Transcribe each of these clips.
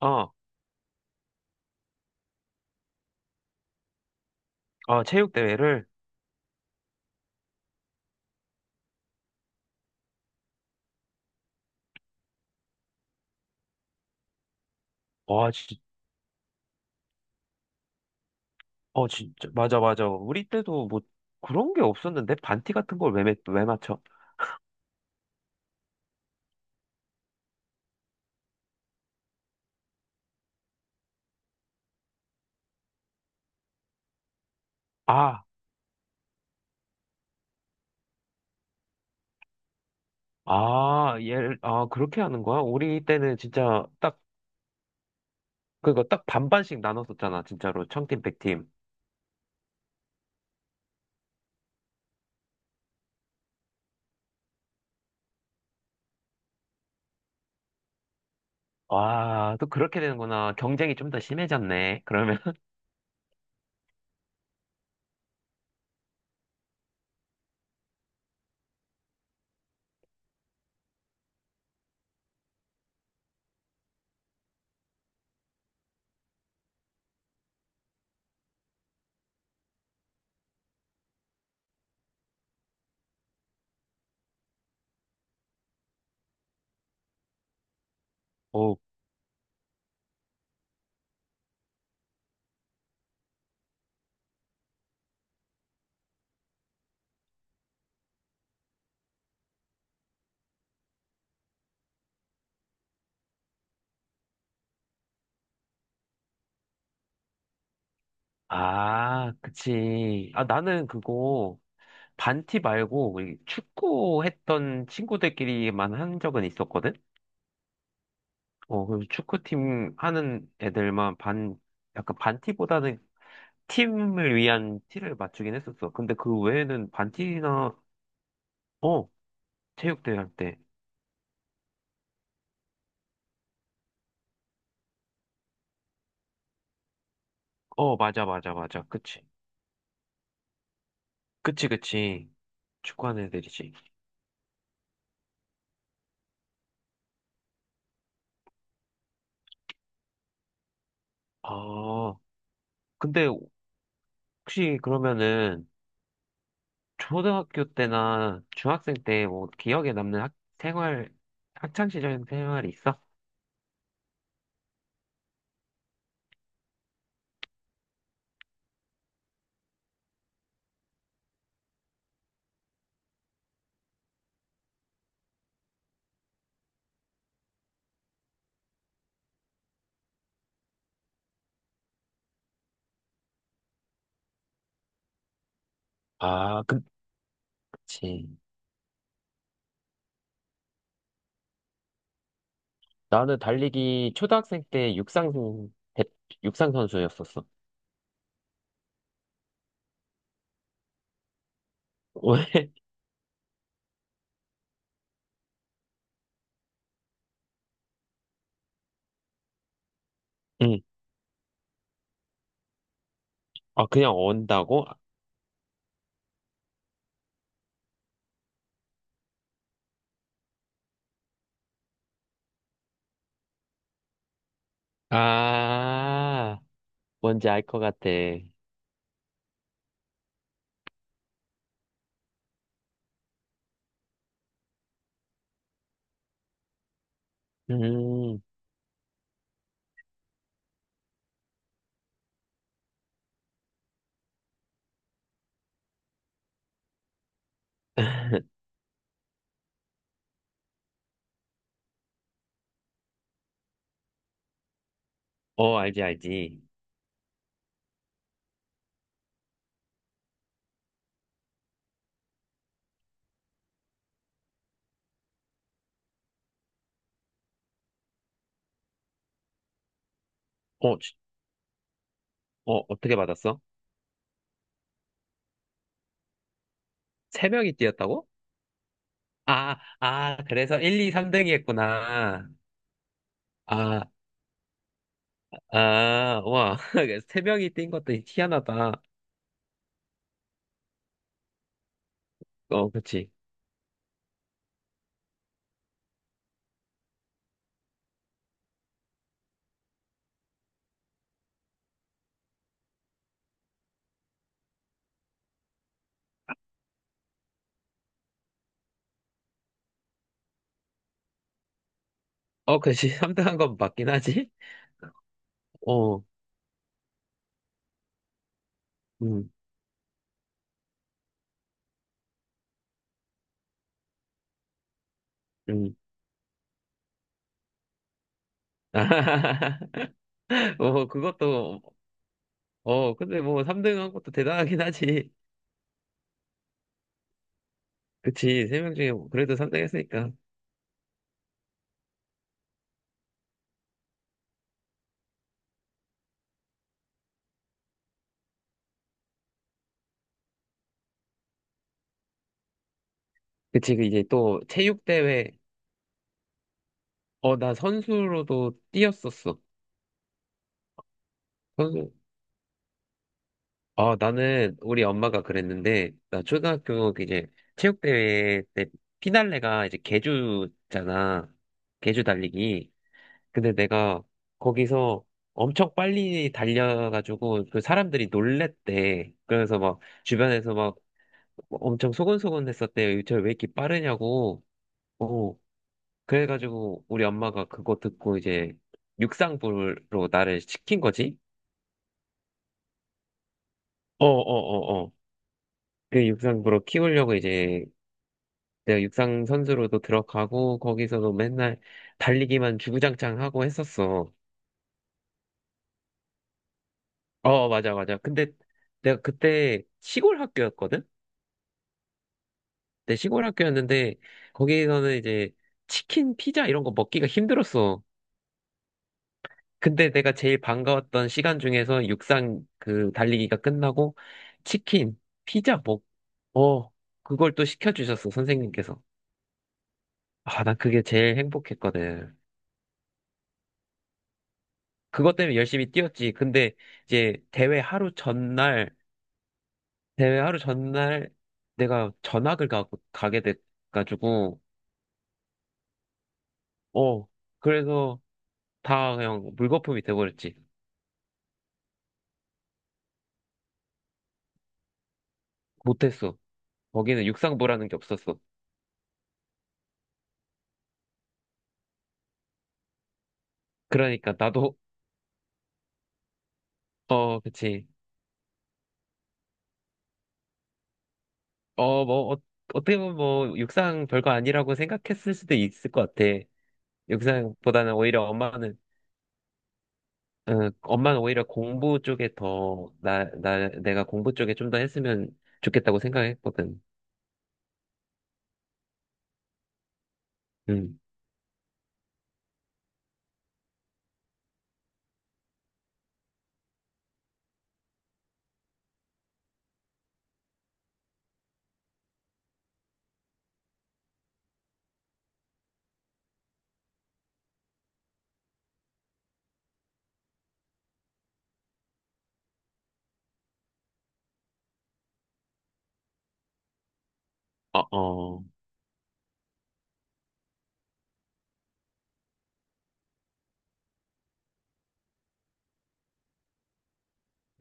아, 아, 체육대회를? 와, 진짜. 맞아, 맞아. 우리 때도 뭐 그런 게 없었는데? 반티 같은 걸 왜 맞춰? 아, 아, 아, 그렇게 하는 거야? 우리 때는 진짜 딱, 그거 딱 반반씩 나눴었잖아. 진짜로. 청팀, 백팀. 와, 또 그렇게 되는구나. 경쟁이 좀 더 심해졌네. 그러면. 오. 아, 그치. 아, 나는 그거 반티 말고 우리 축구 했던 친구들끼리만 한 적은 있었거든? 어, 그래서 축구팀 하는 애들만 약간 반티보다는 팀을 위한 티를 맞추긴 했었어. 근데 그 외에는 반티나, 어, 체육대회 할 때. 어, 맞아, 맞아, 맞아. 그치. 그치, 그치. 축구하는 애들이지. 아, 근데 혹시 그러면은 초등학교 때나 중학생 때 뭐 기억에 남는 생활, 학창 시절 생활이 있어? 아, 그치. 나는 달리기 초등학생 때 대- 육상 선수였었어. 왜? 응. 아, 그냥 언다고? 아, 뭔지 알 것 같아. 음, 어, 알지, 알지. 어, 어떻게 받았어? 세 명이 뛰었다고? 아, 아, 그래서 1, 2, 3등이 했구나. 아, 아, 와. 세 명이 뛴 것도 희한하다. 어, 그치. 어, 그치. 3등 한 건 맞긴 하지? 어, 음, 음. 어, 근데 뭐 3등 한 것도 대단하긴 하지. 그치, 3명 중에 뭐 그래도 3등 했으니까. 그치, 그 이제 또 나 선수로도 뛰었었어. 선수, 나는 우리 엄마가 그랬는데, 나 초등학교 그 이제 체육대회 때 피날레가 이제 계주잖아. 계주 달리기. 근데 내가 거기서 엄청 빨리 달려가지고 그 사람들이 놀랬대. 그래서 막 주변에서 엄청 소곤소곤했었대요. 유철 왜 이렇게 빠르냐고. 어, 그래가지고 우리 엄마가 그거 듣고 이제 육상부로 나를 시킨 거지. 어, 어, 어, 어. 그 육상부로 키우려고 이제 내가 육상 선수로도 들어가고 거기서도 맨날 달리기만 주구장창 하고 했었어. 어, 맞아, 맞아. 근데 내가 그때 시골 학교였거든? 내 시골 학교였는데 거기서는 이제 치킨, 피자 이런 거 먹기가 힘들었어. 근데 내가 제일 반가웠던 시간 중에서 육상 그 달리기가 끝나고 치킨, 피자 어, 그걸 또 시켜주셨어, 선생님께서. 아, 난 그게 제일 행복했거든. 그것 때문에 열심히 뛰었지. 근데 이제 대회 하루 전날 내가 전학을 가게 돼가지고, 어, 그래서 다 그냥 물거품이 돼버렸지. 못했어. 거기는 육상부라는 게 없었어. 그러니까 나도, 어, 그치. 어, 뭐, 어떻게 보면 뭐, 육상 별거 아니라고 생각했을 수도 있을 것 같아. 육상보다는 오히려 어, 엄마는 오히려 공부 쪽에 더, 내가 공부 쪽에 좀 더 했으면 좋겠다고 생각했거든. 음, 어, 어,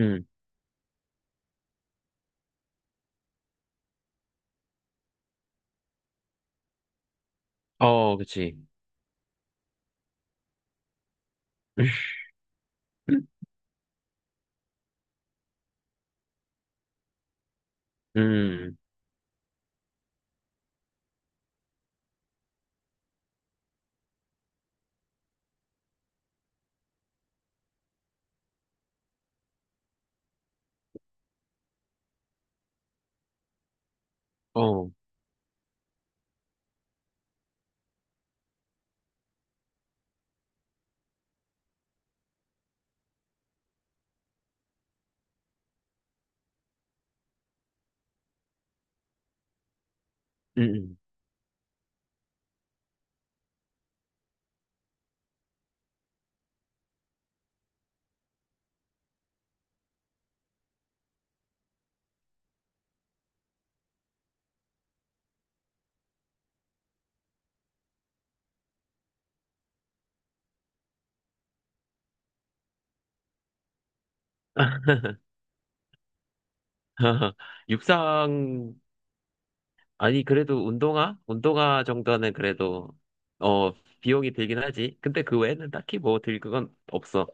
음, 어, 그치. 음, 어, 음. 육상, 아니, 그래도 운동화? 운동화 정도는 그래도, 어, 비용이 들긴 하지. 근데 그 외에는 딱히 뭐 들 그건 없어.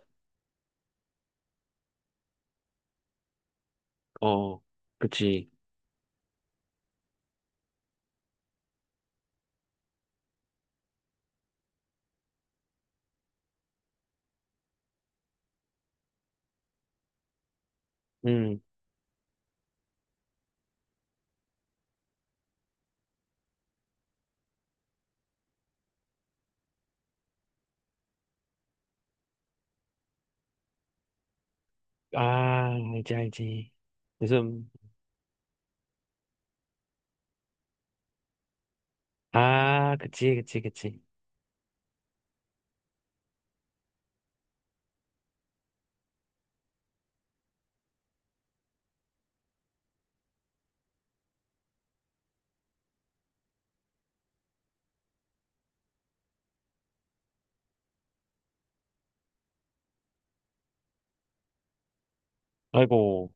어, 그치. 음, 아, 알지, 알지. 요즘, 아, 그치, 그치, 그치. 아이고.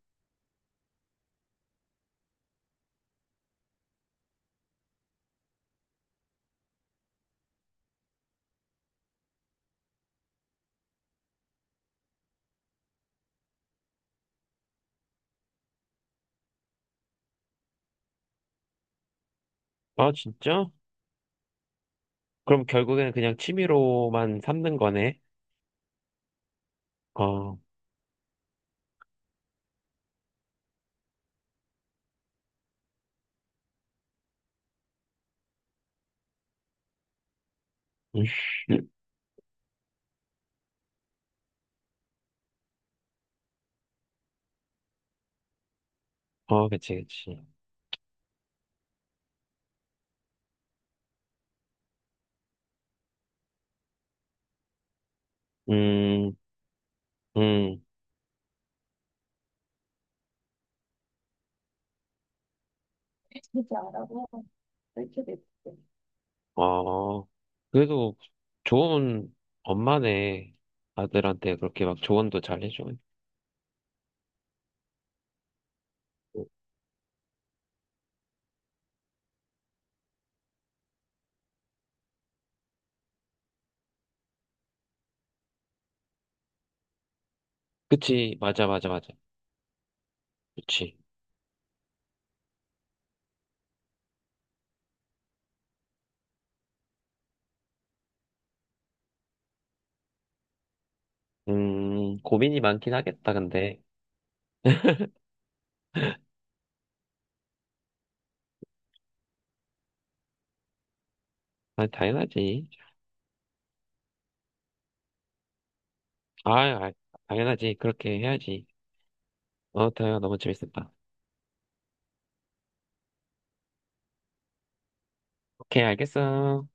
아, 진짜? 그럼 결국에는 그냥 취미로만 삼는 거네? 어, 음, 어, 그치, 그치. 음, 음, 그렇고 이렇게 됐어. 어, 그래도 좋은 엄마네. 아들한테 그렇게 막 조언도 잘 해줘. 그치, 맞아, 맞아, 맞아. 그치. 고민이 많긴 하겠다, 근데. 아, 당연하지. 아, 아, 당연하지. 그렇게 해야지. 어, 대화 너무 재밌었다. 오케이, 알겠어.